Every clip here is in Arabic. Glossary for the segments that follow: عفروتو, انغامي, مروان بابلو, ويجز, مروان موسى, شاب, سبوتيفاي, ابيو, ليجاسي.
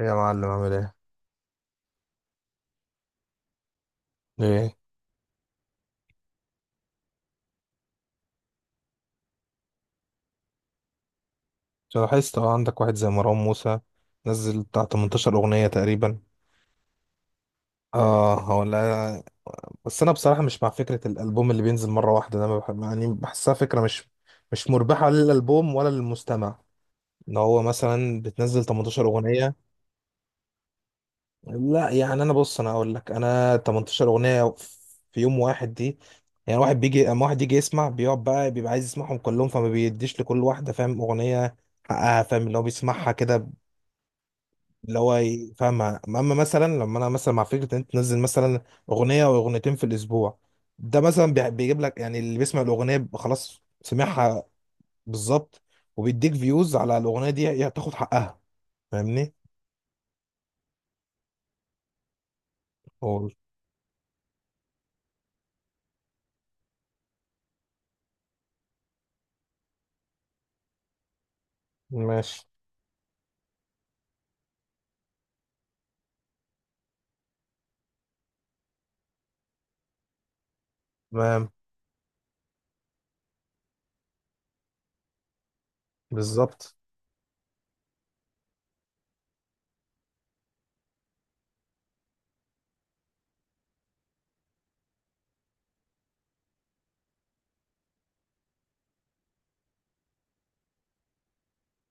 ايه يا معلم عامل ايه؟ ايه؟ عشان لاحظت عندك واحد زي مروان موسى نزل بتاع 18 اغنية تقريبا. اه، هو لا، بس انا بصراحة مش مع فكرة الالبوم اللي بينزل مرة واحدة ده. ما بح... يعني بحسها فكرة مش مربحة، لا للالبوم ولا للمستمع، ان هو مثلا بتنزل 18 اغنية. لا يعني، انا بص انا اقول لك، انا 18 اغنية في يوم واحد دي، يعني واحد بيجي، اما واحد يجي يسمع بيقعد بقى بيبقى عايز يسمعهم كلهم، فما بيديش لكل واحدة، فاهم، اغنية حقها، فاهم اللي هو بيسمعها كده. فاهم، اما مثلا لما انا مثلا مع فكره ان انت تنزل مثلا اغنيه او اغنيتين في الاسبوع، ده مثلا بيجيب لك، يعني اللي بيسمع الاغنيه بيبقى خلاص سمعها بالظبط، وبيديك فيوز على الاغنيه دي، هي تاخد حقها، فاهمني. هو ماشي تمام بالظبط.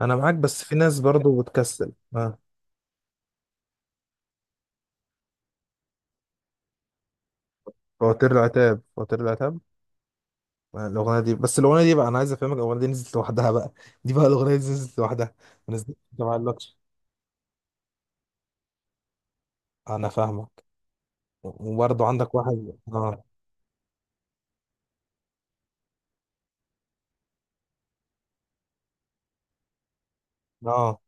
انا معاك، بس في ناس برضو بتكسل. اه. فواتير العتاب، فواتير العتاب. الاغنيه دي، بس الاغنيه دي بقى، انا عايز افهمك الاغنيه دي نزلت لوحدها بقى، دي بقى الاغنيه دي نزلت لوحدها، ما نزلتش ما قالكش. انا فاهمك. وبرضه عندك واحد، اه. اه.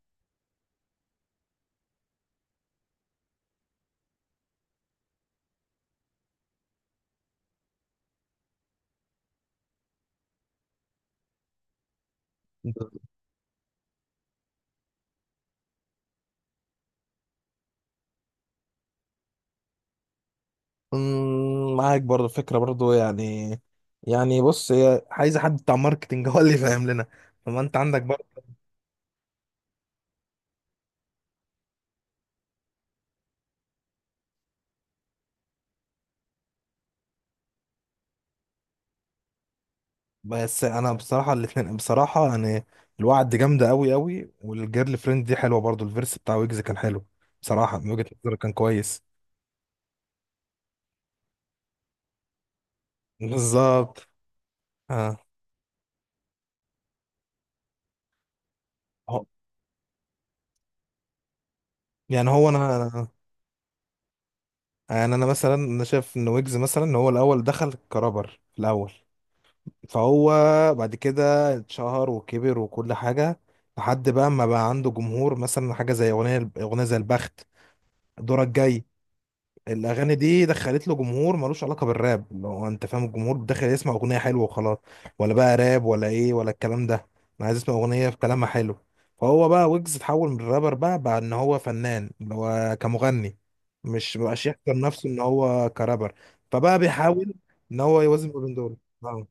معاك برضه فكرة برضه يعني. يعني بص، هي عايزة حد بتاع ماركتينج هو اللي فاهم لنا. فما انت عندك برضه. بس انا بصراحة الاتنين بصراحة يعني، الوعد جامدة قوي قوي، والجيرل فريند دي حلوة برضه، الفيرس بتاع ويجز كان حلو، بصراحة من وجهة نظري كان كويس. بالظبط. اه. هو- يعني هو انا انا يعني انا مثلا، انا شايف ان ويجز مثلا هو الاول دخل كرابر في الاول، فهو بعد كده اتشهر وكبر وكل حاجة، لحد بقى ما بقى عنده جمهور. مثلا حاجة زي أغنية زي البخت، دورك جاي، الأغاني دي دخلت له جمهور ملوش علاقة بالراب، لو أنت فاهم، الجمهور داخل يسمع أغنية حلوة وخلاص، ولا بقى راب ولا إيه ولا الكلام ده، أنا عايز أسمع أغنية في كلامها حلو. فهو بقى ويجز اتحول من الرابر، بقى إن هو فنان، اللي هو كمغني، مش مبقاش يحكر نفسه إن هو كرابر، فبقى بيحاول إن هو يوازن ما بين دول. آه،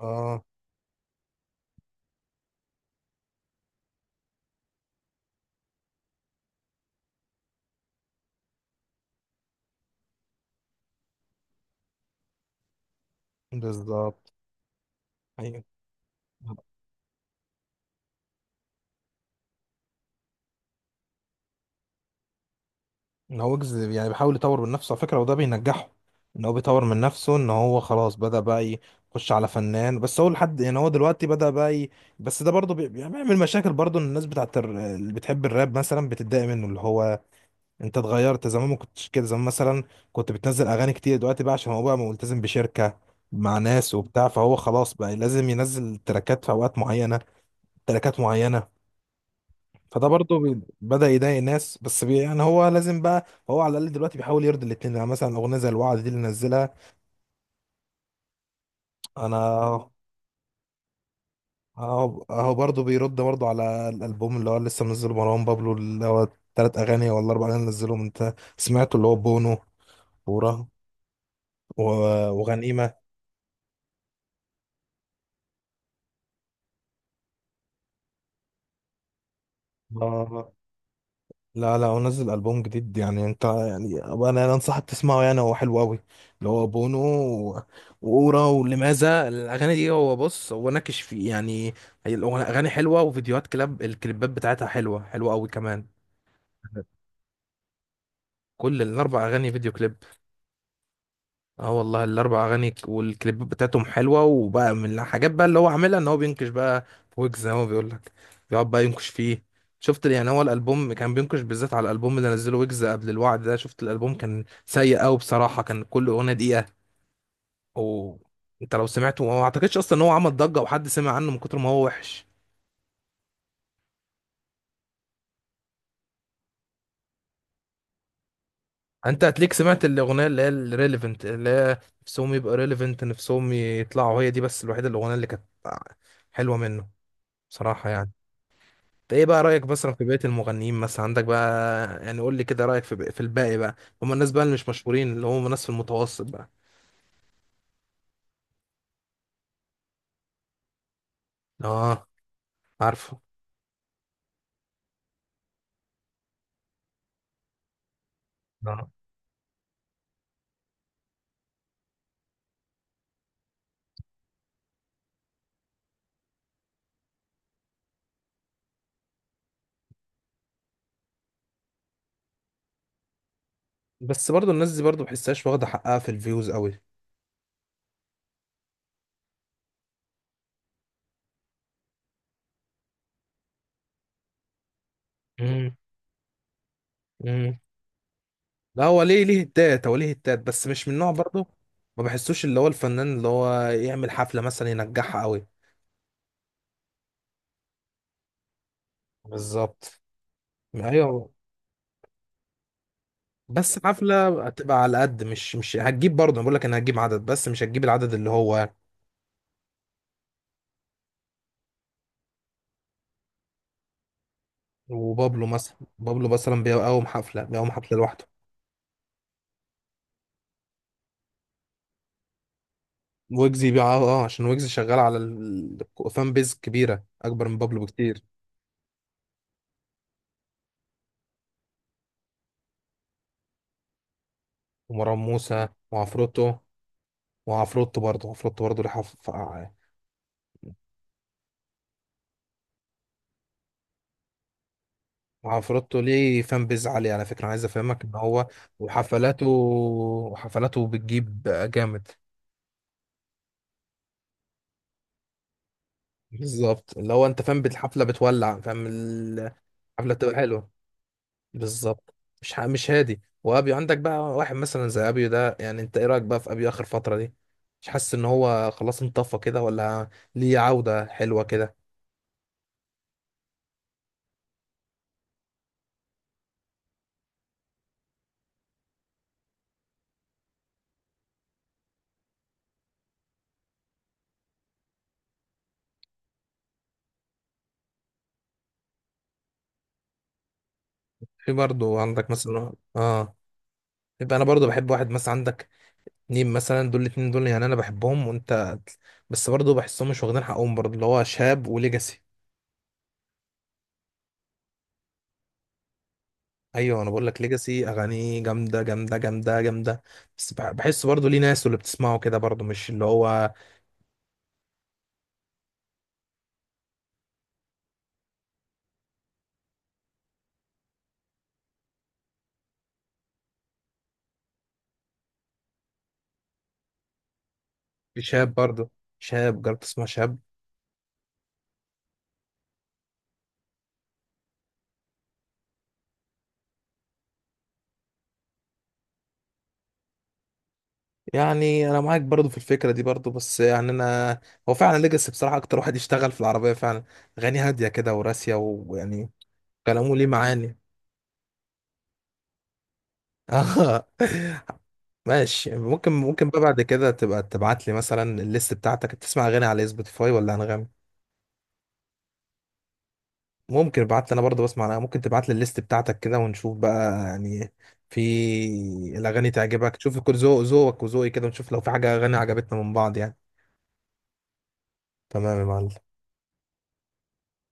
آه، بالظبط، ايوه. يعني بيحاول يطور من نفسه على فكره، وده بينجحه، ان هو بيطور من نفسه، ان هو خلاص بدا بقى يخش على فنان، بس هو لحد يعني هو دلوقتي بس ده يعني بيعمل مشاكل برضه، إن الناس اللي بتحب الراب مثلا بتتضايق منه، اللي هو انت اتغيرت زمان، ما كنتش كده زمان، مثلا كنت بتنزل اغاني كتير، دلوقتي بقى عشان هو بقى ملتزم بشركه مع ناس وبتاع، فهو خلاص بقى لازم ينزل تراكات في اوقات معينه، تراكات معينه. فده برضه بدأ يضايق ناس، بس بي يعني هو لازم بقى، هو على الأقل دلوقتي بيحاول يرضي الاتنين، يعني مثلا أغنية زي الوعد دي اللي نزلها. أنا أهو، أهو برضه بيرد برضه على الألبوم اللي هو لسه منزله مروان بابلو، اللي هو تلات أغاني ولا أربع أغاني نزلهم، أنت سمعته، اللي هو بونو، ورا، وغنيمة. لا لا، هو نزل ألبوم جديد، يعني انت يعني أبقى، انا انصحك تسمعه، يعني هو حلو قوي، اللي هو بونو وأورا ولماذا، الأغاني دي، هو بص هو ناكش فيه يعني، أغاني حلوة، وفيديوهات الكليبات بتاعتها حلوة، حلوة قوي كمان، كل الأربع أغاني فيديو كليب. اه والله، الاربع اغاني والكليبات بتاعتهم حلوه، وبقى من الحاجات بقى اللي هو عاملها، ان هو بينكش بقى في ويجز، زي ما هو بيقول لك، بيقعد بقى ينكش فيه. شفت يعني هو الالبوم، كان بينكش بالذات على الالبوم اللي نزله ويجز قبل الوعد ده. شفت الالبوم، كان سيء قوي بصراحه، كان كل اغنيه دقيقه، وانت لو سمعته ما اعتقدش اصلا ان هو عمل ضجه، وحد سمع عنه من كتر ما هو وحش. انت هتليك سمعت الاغنيه اللي هي الريليفنت، اللي هي نفسهم يبقى ريليفنت، نفسهم يطلعوا، هي دي بس الوحيده الاغنيه اللي كانت حلوه منه بصراحه يعني. ايه بقى رأيك مثلا في بقية المغنيين مثلا عندك بقى؟ يعني قول لي كده رأيك في الباقي بقى، هم الناس بقى اللي مش مشهورين، اللي هم الناس في المتوسط بقى. اه، عارفه. اه. بس برضو الناس دي برضو بحسهاش واخدة حقها في الفيوز قوي. امم. امم. لا، هو ليه هتات، هو ليه هتات، بس مش من نوع برضو، ما بحسوش اللي هو الفنان اللي هو يعمل حفلة مثلا ينجحها قوي. بالظبط. ايوه. بس حفلة هتبقى على قد، مش هتجيب برضه، أنا بقول لك انا هتجيب عدد، بس مش هتجيب العدد اللي هو، وبابلو مثلا بابلو مثلا بيقوم حفله لوحده. ويجز بيقع عشان ويجز شغال على الفان بيز كبيره اكبر من بابلو بكتير. ومروان موسى وعفروتو، وعفروتو برضه عفروتو برضه عفروتو ليه فان بيز عالي على فكره، عايز افهمك ان هو، وحفلاته بتجيب جامد، بالظبط، اللي هو انت فاهم الحفله بتولع، فاهم الحفله بتبقى حلوه، بالظبط. مش هادي. وابيو، عندك بقى واحد مثلا زي ابيو ده، يعني انت ايه رايك بقى في ابيو اخر فتره دي؟ مش حاسس ان هو خلاص انطفى كده، ولا ليه عوده حلوه كده؟ في برضه عندك مثلا، اه، يبقى انا برضه بحب واحد مثلا عندك، نيم مثلا، دول الاتنين دول يعني انا بحبهم، وانت، بس برضه بحسهم مش واخدين حقهم برضه، اللي هو شاب وليجاسي. ايوه، انا بقول لك ليجاسي اغانيه جامده جامده جامده جامده، بس بحس برضه ليه ناس، واللي بتسمعه كده برضه مش اللي هو، شاب برضه، شاب، جربت تسمع شاب؟ يعني انا معاك برضو في الفكره دي برضو، بس يعني انا، هو فعلا ليجاسي بصراحه اكتر واحد يشتغل في العربيه فعلا، اغاني هاديه كده وراسيه، ويعني كلامه ليه معاني. اه. ماشي، ممكن بقى بعد كده تبقى تبعت لي مثلا الليست بتاعتك، بتسمع اغاني على سبوتيفاي ولا انغامي؟ ممكن ابعت لي، انا برضو بسمع، أنا ممكن تبعت لي الليست بتاعتك كده ونشوف بقى يعني، في الاغاني تعجبك، تشوف كل ذوقك وذوقي كده، ونشوف لو في حاجه اغاني عجبتنا من بعض يعني. تمام يا معلم.